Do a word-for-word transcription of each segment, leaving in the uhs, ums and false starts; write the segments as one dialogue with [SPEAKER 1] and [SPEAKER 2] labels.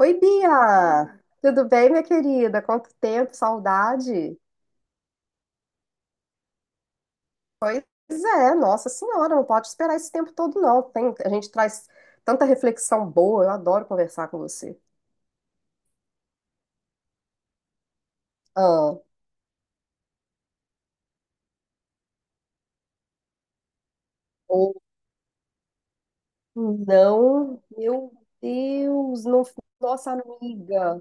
[SPEAKER 1] Oi, Bia! Tudo bem, minha querida? Quanto tempo, saudade! Pois é, nossa senhora, não pode esperar esse tempo todo, não. Tem- a gente traz tanta reflexão boa, eu adoro conversar com você. Ah, ou não, meu Deus, não, nossa amiga.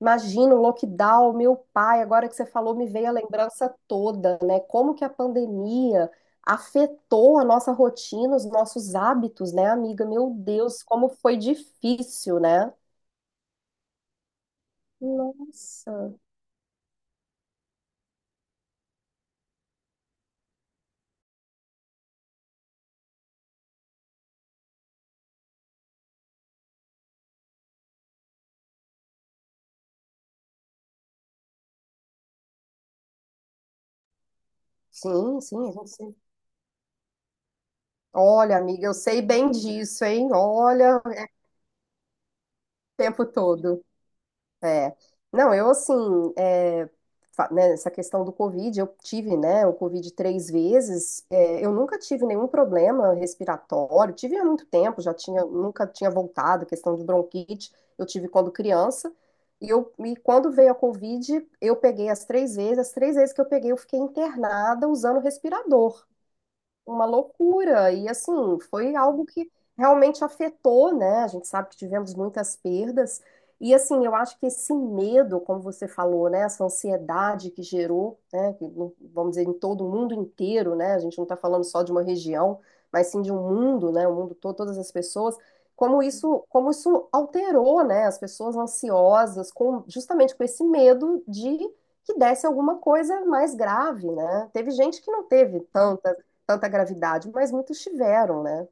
[SPEAKER 1] Imagina o lockdown, meu pai, agora que você falou, me veio a lembrança toda, né? Como que a pandemia afetou a nossa rotina, os nossos hábitos, né, amiga? Meu Deus, como foi difícil, né? Nossa. Sim, sim, a gente... Olha, amiga, eu sei bem disso, hein? Olha, é o tempo todo. É. Não, eu assim, é, fa- né, essa questão do Covid, eu tive, né, o Covid três vezes, é, eu nunca tive nenhum problema respiratório, tive há muito tempo, já tinha, nunca tinha voltado, questão de bronquite, eu tive quando criança, e, eu, e quando veio a Covid, eu peguei as três vezes, as três vezes que eu peguei, eu fiquei internada usando respirador, uma loucura. E assim, foi algo que realmente afetou, né? A gente sabe que tivemos muitas perdas. E assim, eu acho que esse medo, como você falou, né? Essa ansiedade que gerou, né? Que, vamos dizer, em todo o mundo inteiro, né? A gente não está falando só de uma região, mas sim de um mundo, né? O mundo todo, todas as pessoas. Como isso, como isso alterou, né? As pessoas ansiosas, com, justamente com esse medo de que desse alguma coisa mais grave, né? Teve gente que não teve tanta tanta gravidade, mas muitos tiveram, né?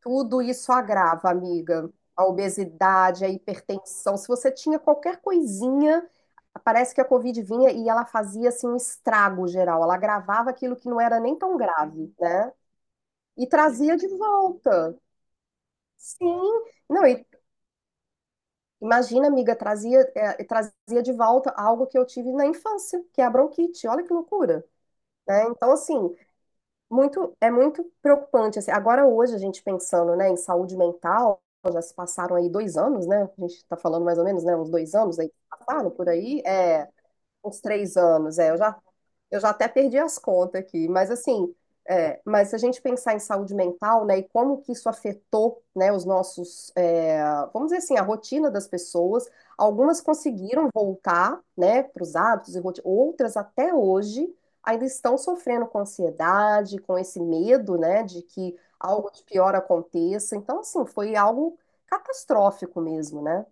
[SPEAKER 1] Tudo isso agrava, amiga. A obesidade, a hipertensão. Se você tinha qualquer coisinha, parece que a Covid vinha e ela fazia assim um estrago geral. Ela agravava aquilo que não era nem tão grave, né? E trazia de volta. Sim, não, e imagina, amiga, trazia, é, trazia de volta algo que eu tive na infância, que é a bronquite. Olha que loucura, né? Então, assim, Muito, é muito preocupante, assim, agora hoje a gente pensando, né, em saúde mental, já se passaram aí dois anos, né, a gente está falando mais ou menos, né, uns dois anos aí, passaram por aí, é, uns três anos, é, eu já eu já até perdi as contas aqui, mas assim, é, mas se a gente pensar em saúde mental, né, e como que isso afetou, né, os nossos, é, vamos dizer assim, a rotina das pessoas, algumas conseguiram voltar, né, para os hábitos e rotina, outras até hoje ainda estão sofrendo com ansiedade, com esse medo, né, de que algo de pior aconteça. Então, assim, foi algo catastrófico mesmo, né,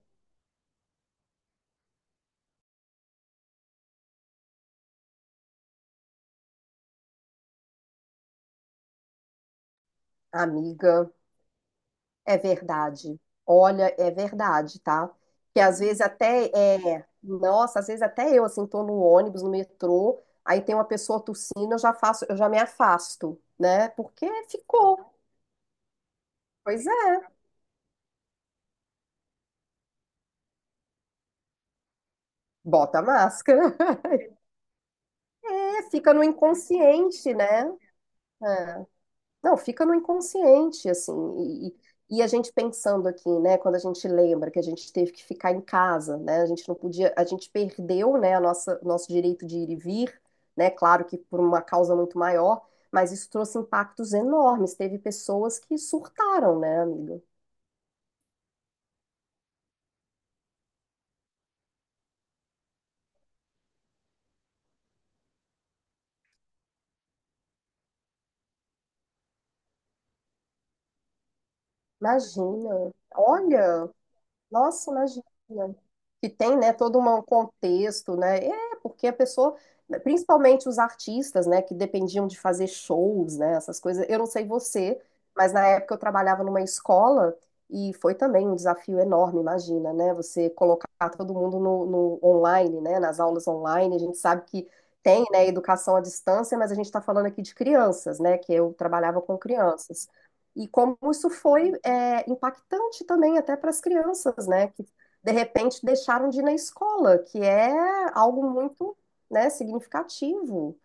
[SPEAKER 1] amiga? É verdade. Olha, é verdade, tá? Que às vezes até é, nossa, às vezes até eu assim tô no ônibus, no metrô, aí tem uma pessoa tossindo, eu já faço, eu já me afasto, né? Porque ficou. Pois é. Bota a máscara. É, fica no inconsciente, né? É. Não, fica no inconsciente, assim, e, e- e a gente pensando aqui, né, quando a gente lembra que a gente teve que ficar em casa, né, a gente não podia, a gente perdeu, né, a nossa, nosso direito de ir e vir, né, claro que por uma causa muito maior, mas isso trouxe impactos enormes, teve pessoas que surtaram, né, amiga? Imagina, olha... Nossa, imagina. Que tem, né, todo uma- um contexto, né? É, porque a pessoa, principalmente os artistas, né, que dependiam de fazer shows, né, essas coisas. Eu não sei você, mas na época eu trabalhava numa escola e foi também um desafio enorme, imagina, né? Você colocar todo mundo no, no online, né, nas aulas online. A gente sabe que tem, né, educação à distância, mas a gente está falando aqui de crianças, né, que eu trabalhava com crianças. E como isso foi, é, impactante também até para as crianças, né? Que de repente deixaram de ir na escola, que é algo muito, né, significativo.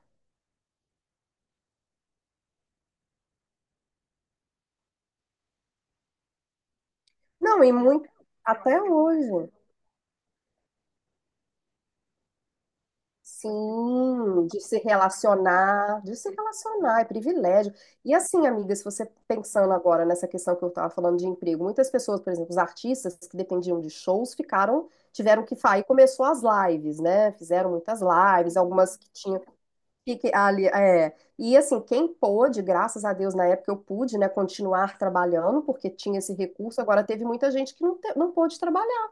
[SPEAKER 1] Não, e muito até hoje. Sim, de se relacionar, de se relacionar, é privilégio. E assim, amiga, se você pensando agora nessa questão que eu estava falando de emprego, muitas pessoas, por exemplo, os artistas que dependiam de shows ficaram, tiveram que sair, começou as lives, né? Fizeram muitas lives, algumas que tinham. Fique ali, é. E assim, quem pôde, graças a Deus, na época eu pude, né, continuar trabalhando, porque tinha esse recurso. Agora teve muita gente que não, te- não pôde trabalhar,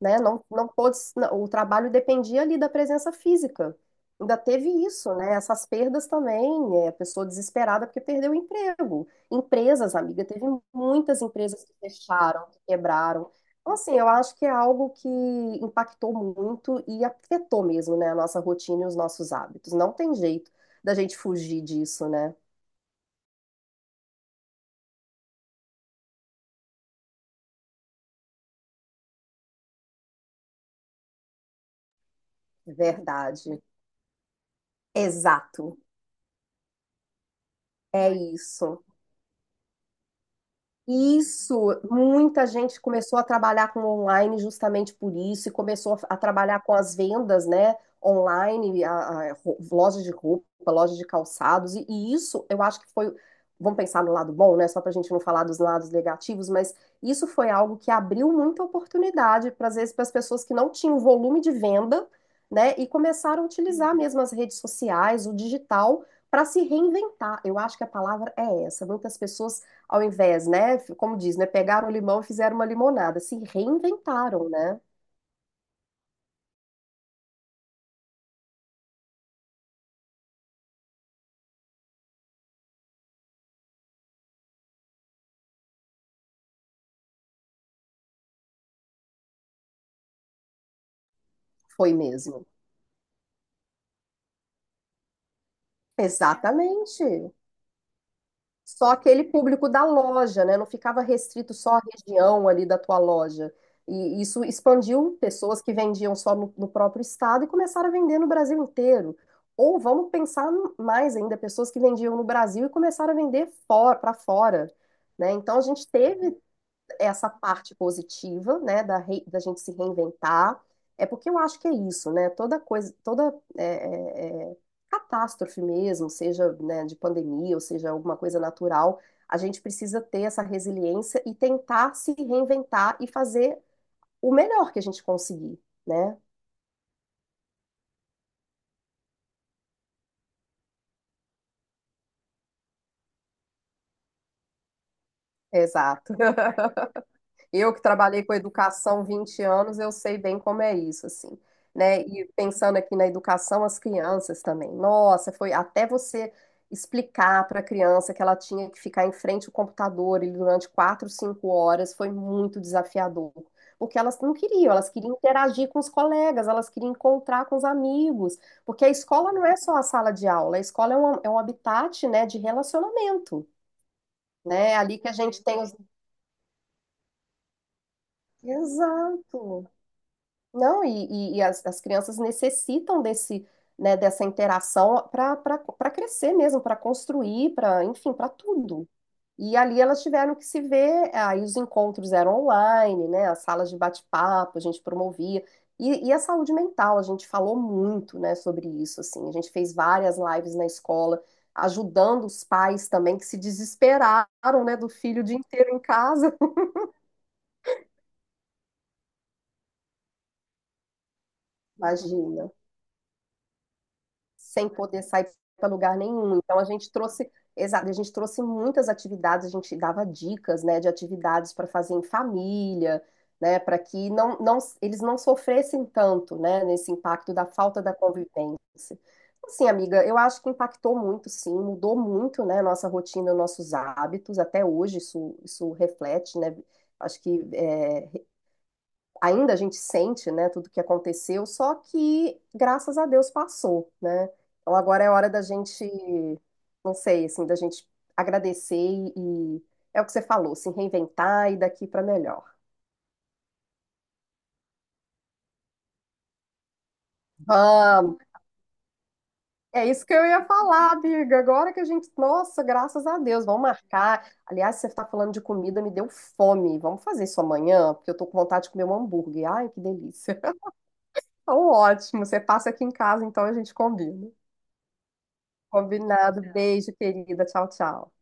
[SPEAKER 1] né? Não, não pôde, não, o trabalho dependia ali da presença física. Ainda teve isso, né? Essas perdas também, é, a pessoa desesperada porque perdeu o emprego. Empresas, amiga, teve muitas empresas que fecharam, que quebraram. Então, assim, eu acho que é algo que impactou muito e afetou mesmo, né, a nossa rotina e os nossos hábitos. Não tem jeito da gente fugir disso, né? Verdade. Exato. É isso. Isso, muita gente começou a trabalhar com online justamente por isso e começou a, a trabalhar com as vendas, né, online, a, a ro- lojas de roupa, lojas de calçados, e, e isso eu acho que foi, vamos pensar no lado bom, né, só para a gente não falar dos lados negativos, mas isso foi algo que abriu muita oportunidade para, às vezes, para as pessoas que não tinham volume de venda, né, e começaram a utilizar mesmo as redes sociais, o digital, para se reinventar. Eu acho que a palavra é essa. Muitas pessoas ao invés, né, como diz, né, pegaram o limão e fizeram uma limonada, se reinventaram, né? Foi mesmo. Exatamente. Só aquele público da loja, né? Não ficava restrito só à região ali da tua loja. E isso expandiu pessoas que vendiam só no, no próprio estado e começaram a vender no Brasil inteiro. Ou vamos pensar no- mais ainda, pessoas que vendiam no Brasil e começaram a vender fora, para fora, né? Então a gente teve essa parte positiva, né, da, re- da gente se reinventar. É porque eu acho que é isso, né? Toda coisa, toda é, é, é, catástrofe mesmo, seja, né, de pandemia, ou seja, alguma coisa natural, a gente precisa ter essa resiliência e tentar se reinventar e fazer o melhor que a gente conseguir, né? Exato. Eu que trabalhei com educação vinte anos, eu sei bem como é isso, assim, né? E pensando aqui na educação, as crianças também. Nossa, foi até você explicar para a criança que ela tinha que ficar em frente ao computador e durante quatro, cinco horas foi muito desafiador. Porque elas não queriam, elas queriam interagir com os colegas, elas queriam encontrar com os amigos. Porque a escola não é só a sala de aula, a escola é um, é um habitat, né, de relacionamento, né? É ali que a gente tem os. Exato. Não, e, e- e as, as crianças necessitam desse, né, dessa interação para para crescer mesmo, para construir, para, enfim, para tudo. E ali elas tiveram que se ver, aí os encontros eram online, né, as salas de bate-papo, a gente promovia. E, e a saúde mental, a gente falou muito, né, sobre isso, assim. A gente fez várias lives na escola, ajudando os pais também que se desesperaram, né, do filho o dia inteiro em casa. Imagina, sem poder sair para lugar nenhum. Então a gente trouxe, exato, a gente trouxe muitas atividades, a gente dava dicas, né, de atividades para fazer em família, né, para que não, não, eles não sofressem tanto, né, nesse impacto da falta da convivência. Assim, amiga, eu acho que impactou muito, sim, mudou muito, né, nossa rotina, nossos hábitos, até hoje isso, isso, reflete, né, acho que é, ainda a gente sente, né, tudo que aconteceu, só que graças a Deus passou, né? Então agora é hora da gente, não sei, assim, da gente agradecer e, e é o que você falou, se reinventar e daqui para melhor. Vamos! É isso que eu ia falar, Birga. Agora que a gente, nossa, graças a Deus, vamos marcar. Aliás, você está falando de comida, me deu fome. Vamos fazer isso amanhã, porque eu tô com vontade de comer um hambúrguer. Ai, que delícia. Então, ótimo. Você passa aqui em casa, então a gente combina. Combinado. Beijo, querida. Tchau, tchau.